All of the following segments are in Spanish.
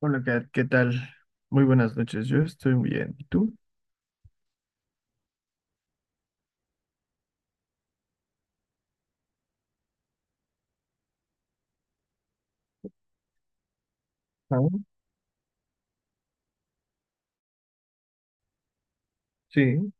Hola, Kat, ¿qué tal? Muy buenas noches, yo estoy muy bien. ¿Y tú? Ah. Sí.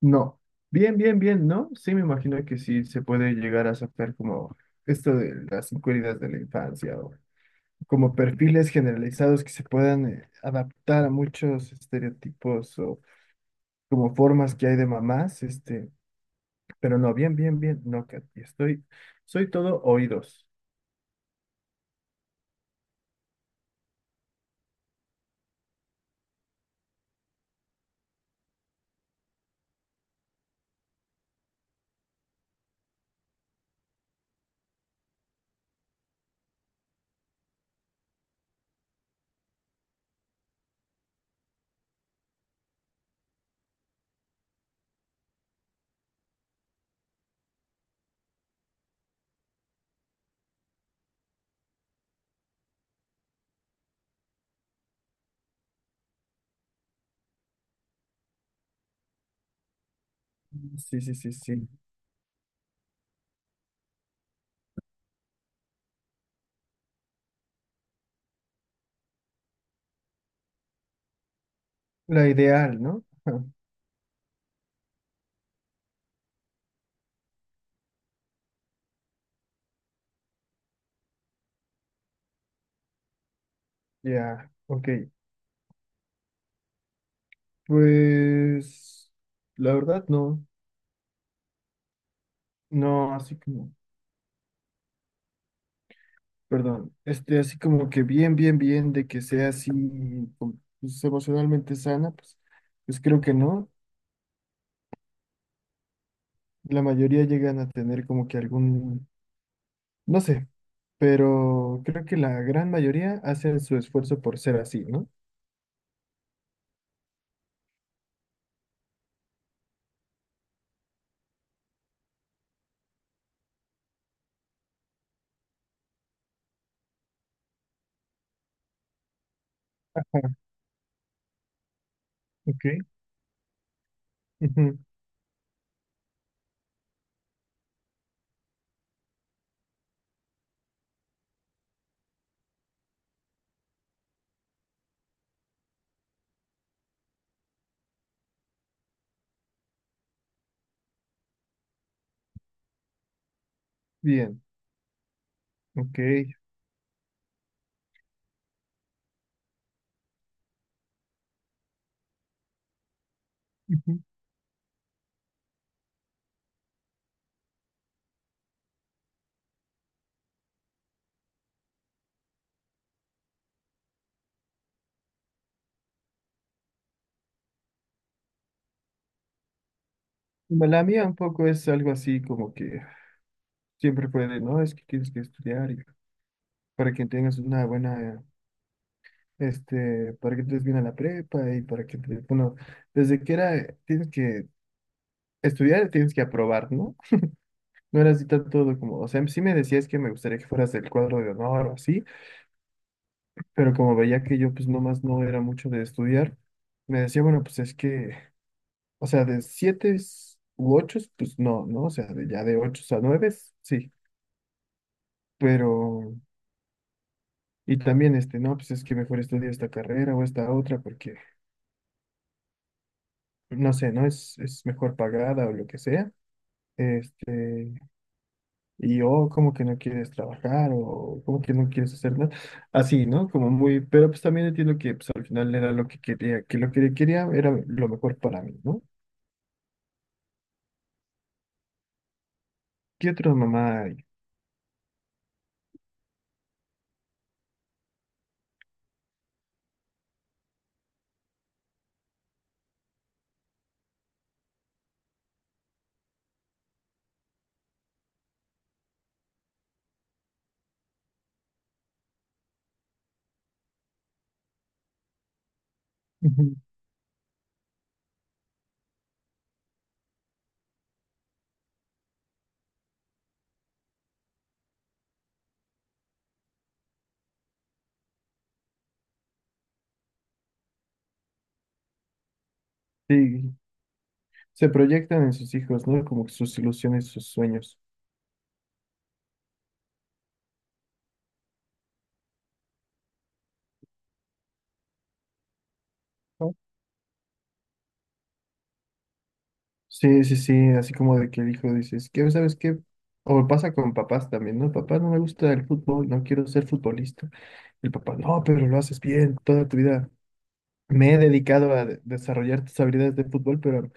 No. Bien, ¿no? Sí, me imagino que sí se puede llegar a sacar como esto de las inquietudes de la infancia o como perfiles generalizados que se puedan adaptar a muchos estereotipos o como formas que hay de mamás, este, pero no, bien, no, Kat, estoy, soy todo oídos. Sí, sí. La ideal, ¿no? Ya, ok. Pues la verdad no, no así como, perdón, este así como que bien de que sea así como, pues, emocionalmente sana, pues, pues creo que no. La mayoría llegan a tener como que algún, no sé, pero creo que la gran mayoría hacen su esfuerzo por ser así, ¿no? Ok. Ujú. Bien, ok. Ujú. Bueno, la mía un poco es algo así como que siempre puede, no, es que tienes que estudiar para que tengas una buena, este, para que entres bien a la prepa y para que, te- bueno, desde que era, tienes que estudiar, tienes que aprobar, ¿no? No era así todo como, o sea, sí me decías que me gustaría que fueras del cuadro de honor o así, pero como veía que yo pues nomás no era mucho de estudiar, me decía, bueno, pues es que, o sea, de siete u ocho, pues no, ¿no? O sea, de, ya de ocho a nueve, sí, pero... Y también, este, no, pues es que mejor estudia esta carrera o esta otra, porque no sé, ¿no? Es mejor pagada o lo que sea. Este, y yo como que no quieres trabajar o como que no quieres hacer nada. Así, ¿no? Como muy, pero pues también entiendo que pues, al final era lo que quería, que lo que quería era lo mejor para mí, ¿no? ¿Qué otra mamá hay? Ujú. Sí, se proyectan en sus hijos, ¿no? Como que sus ilusiones, sus sueños. ¿No? Sí, sí, así como de que el hijo dices, ¿qué sabes qué? O pasa con papás también, ¿no? Papá, no me gusta el fútbol, no quiero ser futbolista. El papá, no, pero lo haces bien, toda tu vida me he dedicado a desarrollar tus habilidades de fútbol, pero...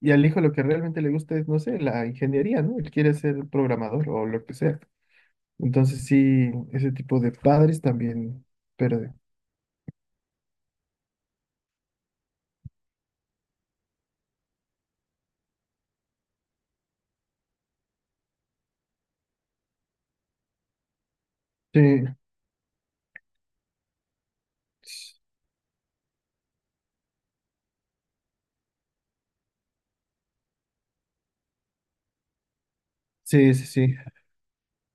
Y al hijo lo que realmente le gusta es, no sé, la ingeniería, ¿no? Él quiere ser programador o lo que sea. Entonces sí, ese tipo de padres también, pero... Sí, sí, sí.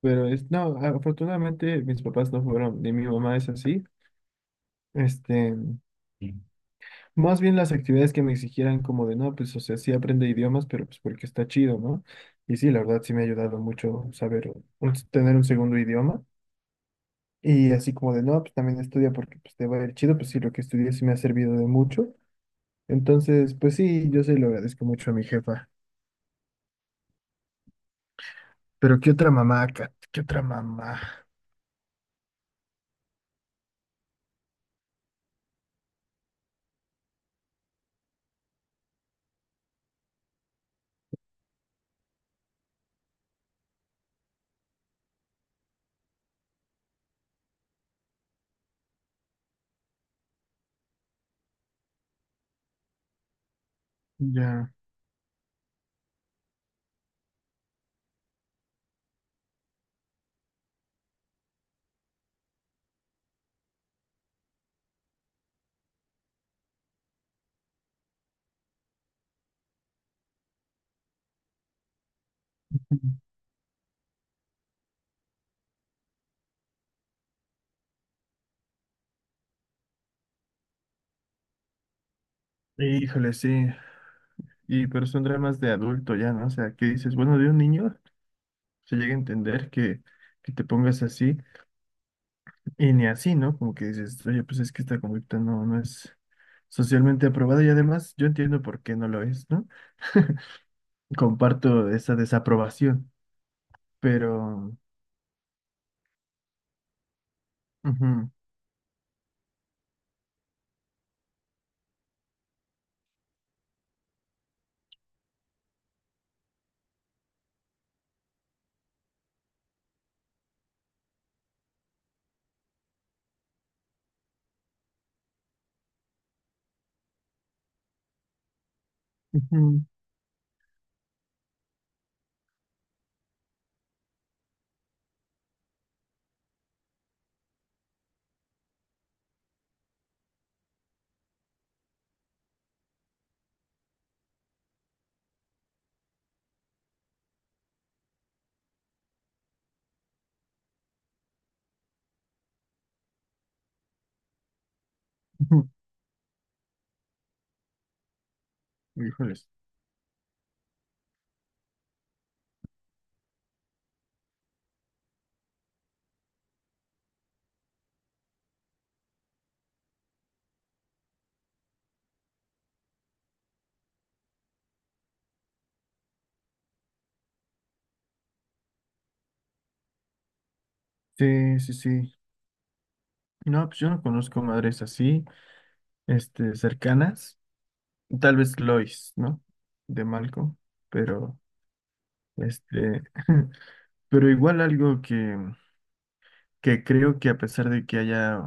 Pero es, no, afortunadamente mis papás no fueron, ni mi mamá es así. Este, más bien las actividades que me exigieran como de, no, pues, o sea, sí aprende idiomas, pero pues porque está chido, ¿no? Y sí, la verdad sí me ha ayudado mucho saber, tener un segundo idioma. Y así como de, no, pues también estudia porque pues te va a ir chido, pues sí, lo que estudié sí me ha servido de mucho. Entonces, pues sí, yo se lo agradezco mucho a mi jefa. Pero ¿qué otra mamá, Kat? ¿Qué otra mamá? Ya. Híjole, sí. Y pero son dramas de adulto ya, ¿no? O sea, que dices, bueno, de un niño se llega a entender que te pongas así. Y ni así, ¿no? Como que dices, oye, pues es que esta conducta no es socialmente aprobada y además yo entiendo por qué no lo es, ¿no? Comparto esa desaprobación, pero... Ujú. Ujú. Ujú. Híjoles. Sí, sí, sí. No, pues yo no conozco madres así, este, cercanas. Tal vez Lois, ¿no? De Malcolm, pero, este, pero igual algo que creo que a pesar de que haya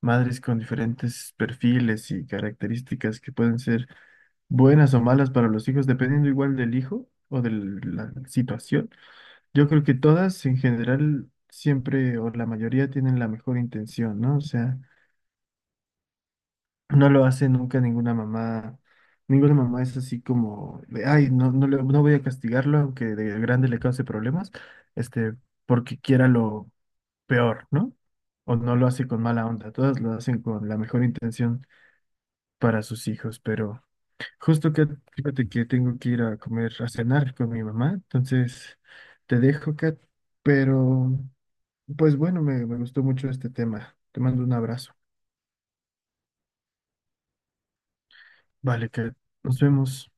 madres con diferentes perfiles y características que pueden ser buenas o malas para los hijos, dependiendo igual del hijo o de la situación. Yo creo que todas en general siempre o la mayoría tienen la mejor intención, ¿no? O sea, no lo hace nunca ninguna mamá. Ninguna mamá es así como de, ay, no, no, no voy a castigarlo aunque de grande le cause problemas, este, porque quiera lo peor, ¿no? O no lo hace con mala onda, todas lo hacen con la mejor intención para sus hijos, pero justo que fíjate que tengo que ir a comer, a cenar con mi mamá, entonces te dejo, Kat, pero pues bueno, me gustó mucho este tema. Te mando un abrazo. Vale, Kat, nos vemos.